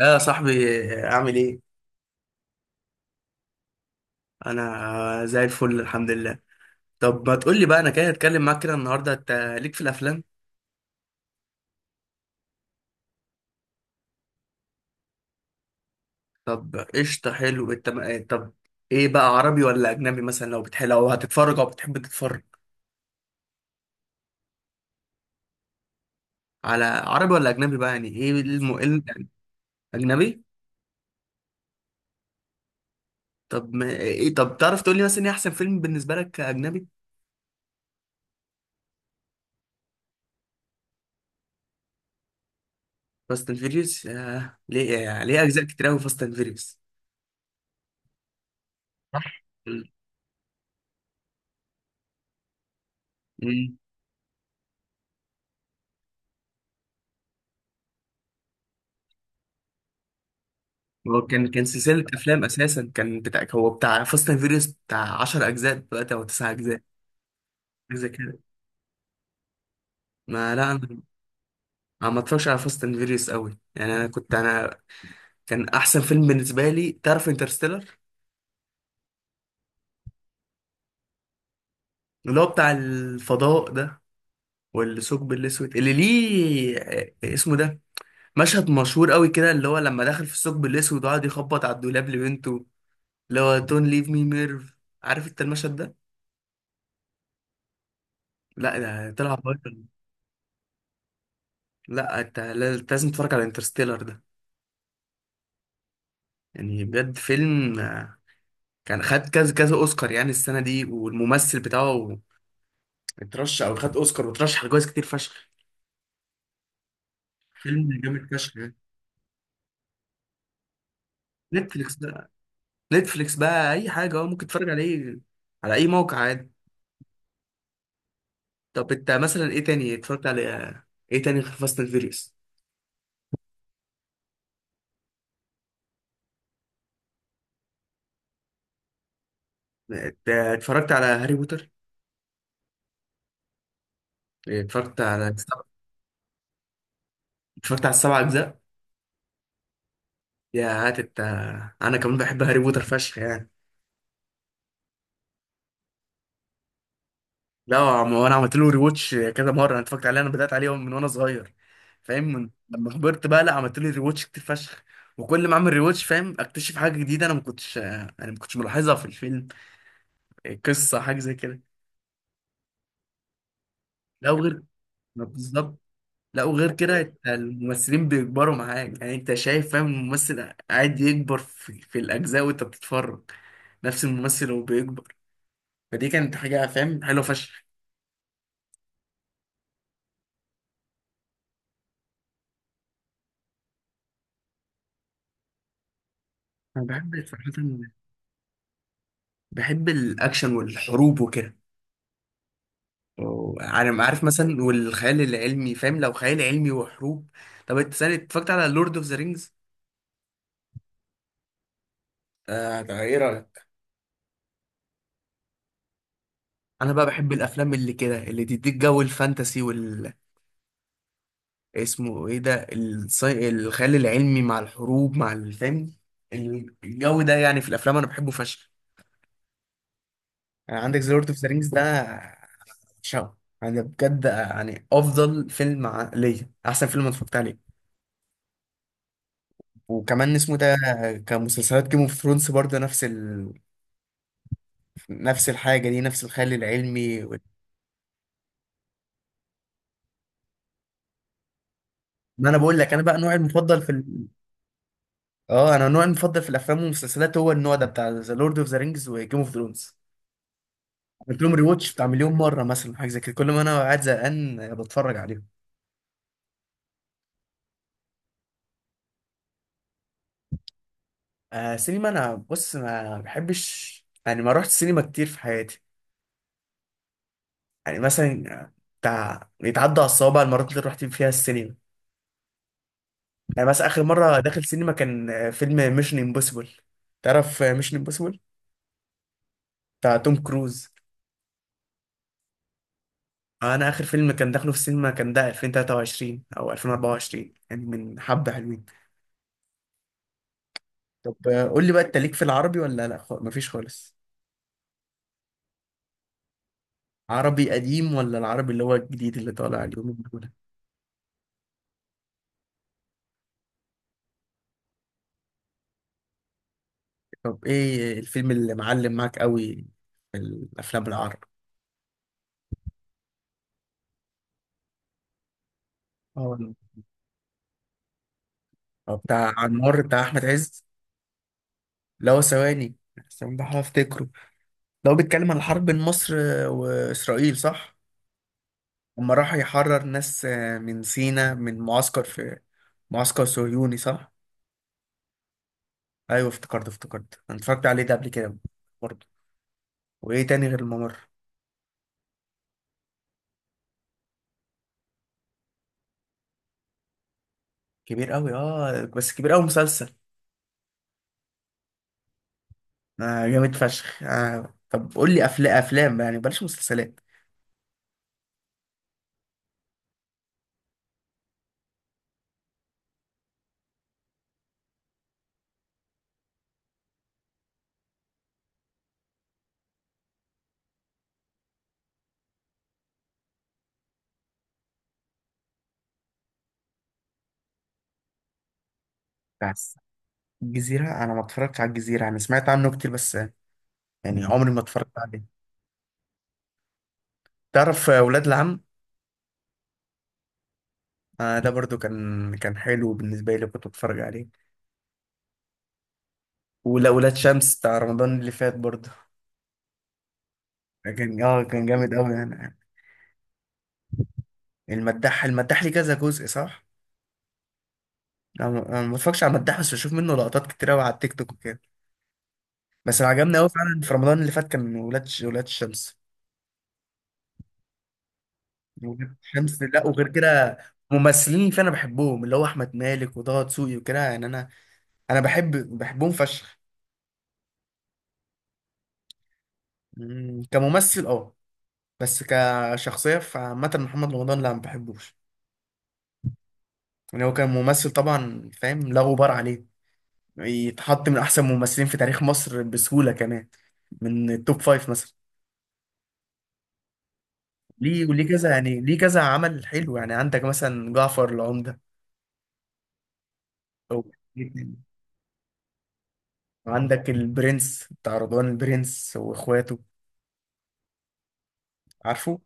لا يا صاحبي، اعمل ايه. انا زي الفل الحمد لله. طب ما تقول لي بقى، انا كده هتكلم معاك كده النهارده، انت ليك في الافلام؟ طب قشطه حلو. انت ما- طب ايه بقى، عربي ولا اجنبي؟ مثلا لو بتحب، لو هتتفرج او بتحب تتفرج على عربي ولا اجنبي بقى؟ يعني ايه الم... إيه ال- يعني اجنبي. طب ما... ايه، طب تعرف تقول لي مثلا ايه احسن فيلم بالنسبه لك اجنبي؟ فاست اند فيريوس. ليه يعني؟ ليه اجزاء كتير قوي فاست اند فيريوس؟ هو كان سلسلة أفلام أساسا، كان بتاع، هو بتاع فاست أند فيريوس، بتاع 10 أجزاء دلوقتي أو 9 أجزاء، حاجة زي كده. ما لا أنا أنا ما اتفرجش على فاست أند فيريوس أوي يعني. أنا كنت أنا كان أحسن فيلم بالنسبة لي، تعرف، انترستيلر. اللي هو بتاع الفضاء ده، والثقب الأسود اللي ليه اسمه ده مشهد مشهور أوي كده، اللي هو لما دخل في الثقب الأسود وقعد يخبط على الدولاب لبنته، اللي هو دونت ليف مي ميرف. عارف أنت المشهد ده؟ لا ده طلع بره. لا انت لا- لازم تتفرج على انترستيلر ده. يعني بجد فيلم كان خد كذا كذا اوسكار يعني السنه دي، والممثل بتاعه اترشح او خد اوسكار وترشح لجوائز كتير فشخ. فيلم جامد فشخ يعني. نتفليكس بقى، نتفليكس بقى اي حاجه اه ممكن تتفرج عليه، على اي موقع عادي. طب انت مثلا ايه تاني اتفرجت على، ايه تاني غير فاست اند فيريوس؟ اتفرجت على هاري بوتر. اتفرجت على السبع- اتفرجت على السبع اجزاء. يا هات انت، انا كمان بحب هاري بوتر فشخ يعني. لا هو انا عملت له ريواتش كذا مره، انا اتفرجت عليه، انا بدات عليه من وانا صغير فاهم، من لما كبرت بقى لا عملت له ريواتش كتير فشخ. وكل ما اعمل ريواتش فاهم اكتشف حاجه جديده انا ما كنتش ملاحظها في الفيلم، قصه حاجه زي كده. لا وغير، ما بالظبط، لا وغير كده أنت الممثلين بيكبروا معاك يعني، انت شايف فاهم الممثل قاعد يكبر في الاجزاء وانت بتتفرج، نفس الممثل وهو بيكبر. فدي كانت حاجه فاهم حلوه فشخ. انا بحب صراحه، بحب الاكشن والحروب وكده، عارف، عارف مثلا، والخيال العلمي فاهم، لو خيال علمي وحروب. طب انت سنة اتفرجت على لورد اوف ذا رينجز؟ آه طب ايه رأيك؟ انا بقى بحب الافلام اللي كده اللي تديك جو الفانتسي وال، اسمه ايه ده، الخيال العلمي مع الحروب مع الفهم، الجو ده يعني في الافلام انا بحبه فشخ. يعني عندك ذا لورد اوف ذا رينجز ده، شو، انا بجد يعني ليا احسن فيلم أنا اتفرجت عليه. وكمان اسمه ده، كمسلسلات جيم اوف ثرونز برضه، نفس نفس الحاجة دي، نفس الخيال العلمي. ما انا بقول لك، انا بقى نوعي المفضل في ال... اه انا نوعي المفضل في الافلام والمسلسلات هو النوع ده، بتاع ذا لورد اوف ذا رينجز وجيم اوف ثرونز. قلت لهم ريواتش بتاع مليون مرة مثلا، حاجة زي كده، كل ما انا قاعد زهقان بتفرج عليهم. آه سينما انا بص ما بحبش يعني، ما رحت السينما كتير في حياتي. يعني مثلا بتاع يتعدى على الصوابع المرات اللي رحت فيها السينما. يعني مثلا اخر مرة داخل سينما كان فيلم ميشن امبوسيبل. تعرف ميشن امبوسيبل بتاع توم كروز؟ انا اخر فيلم كان داخله في السينما كان ده 2023 او 2024، يعني من حبة حلوين. طب قول لي بقى، انت ليك في العربي ولا لا؟ مفيش خالص؟ عربي قديم ولا العربي اللي هو الجديد اللي طالع اليومين دول؟ طب ايه الفيلم اللي معلم معاك قوي في الافلام العربي؟ اه، بتاع عمار، بتاع احمد عز، اللي هو، ثواني استنى بحاول افتكره. ده هو بيتكلم عن الحرب بين مصر واسرائيل صح؟ لما راح يحرر ناس من سينا، من معسكر في معسكر صهيوني صح. ايوه افتكرت افتكرت، انا اتفرجت عليه ده قبل كده برضه. وايه تاني غير الممر؟ كبير قوي، اه بس كبير قوي مسلسل. آه جامد فشخ. آه طب قول لي افلام افلام يعني، بلاش مسلسلات. بس الجزيره، انا ما اتفرجتش على الجزيره، انا سمعت عنه كتير بس، يعني عمري ما اتفرجت عليه. تعرف ولاد العم؟ آه ده برضو كان حلو بالنسبه لي، كنت بتفرج عليه. ولا ولاد شمس بتاع رمضان اللي فات برضو، كان اه كان جامد قوي يعني. المداح المداح ليه كذا جزء صح. أنا ما بتفرجش على مداح، بس بشوف منه لقطات كتير قوي على التيك توك وكده. بس اللي عجبني قوي فعلا في رمضان اللي فات كان ولاد الشمس. ولاد الشمس، لا وغير كده ممثلين اللي فيه انا بحبهم، اللي هو احمد مالك وطه دسوقي وكده يعني. انا بحبهم فشخ. مم، كممثل اه، بس كشخصيه فعامه محمد رمضان لا ما بحبوش. يعني هو كان ممثل طبعا فاهم، لا غبار عليه، يتحط من احسن ممثلين في تاريخ مصر بسهوله كمان، من التوب فايف مثلا. ليه وليه كذا يعني، ليه كذا عمل حلو، يعني عندك مثلا جعفر العمدة، أو عندك البرنس، بتاع رضوان، البرنس واخواته، عارفه.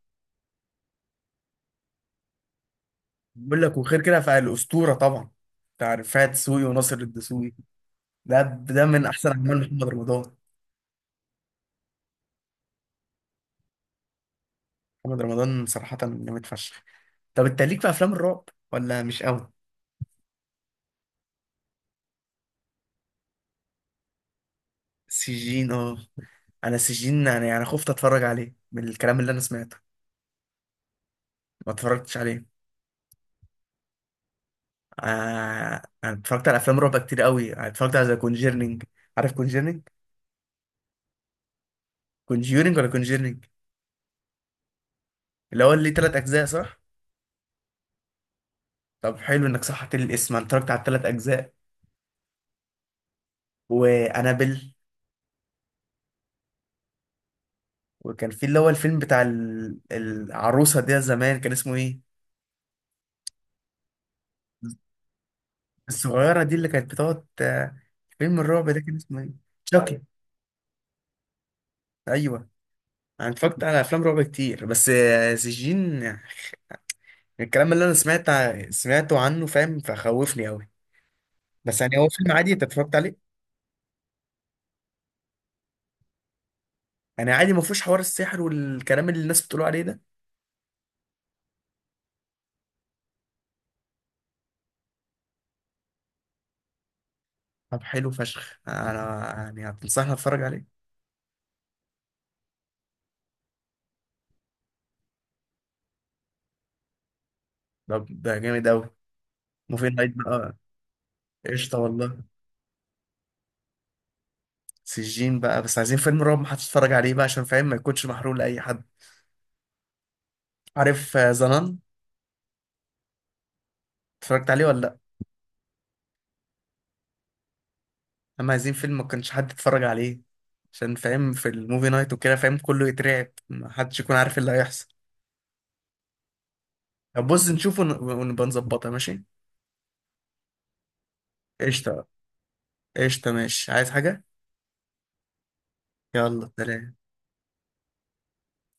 بقول لك وغير كده، فالأسطورة طبعا، بتاع رفاعة دسوقي وناصر الدسوقي، ده من أحسن أعمال محمد رمضان. محمد رمضان صراحة جامد فشخ. طب أنت ليك في أفلام الرعب ولا مش قوي؟ سجين اه، أنا سجين يعني أنا خفت أتفرج عليه من الكلام اللي أنا سمعته. ما اتفرجتش عليه. آه انا اتفرجت على افلام رعب كتير قوي، أنا اتفرجت على ذا كونجيرنينج. عارف كونجيرنينج؟ كونجيرنينج ولا كونجيرنينج؟ اللي هو اللي تلات اجزاء صح. طب حلو انك صححت لي الاسم، انا اتفرجت على التلات اجزاء، وانابل. وكان في اللي هو الفيلم العروسه ده زمان، كان اسمه ايه، الصغيره دي اللي كانت بتقعد، فيلم الرعب ده كان اسمه ايه؟ شاكي. ايوه. انا اتفرجت على افلام رعب كتير بس سجين، الكلام اللي انا سمعته عنه فاهم فخوفني قوي. بس يعني هو فيلم عادي انت اتفرجت عليه؟ يعني عادي، ما فيهوش حوار السحر والكلام اللي الناس بتقولوا عليه ده؟ طب حلو فشخ، انا يعني هتنصحني اتفرج عليه. طب ده جامد قوي، موفي نايت بقى. قشطه والله. سجين بقى، بس عايزين فيلم رعب ما هتتفرج عليه بقى، عشان فاهم ما يكونش محروق لاي حد. عارف زنان؟ اتفرجت عليه ولا لا؟ اما عايزين فيلم ما كانش حد يتفرج عليه، عشان فاهم في الموفي نايت وكده فاهم كله يترعب، ما حدش يكون عارف اللي هيحصل. طب بص نشوفه ونبقى نظبطها ماشي. قشطه. قشطه ماشي، عايز حاجه؟ يلا سلام.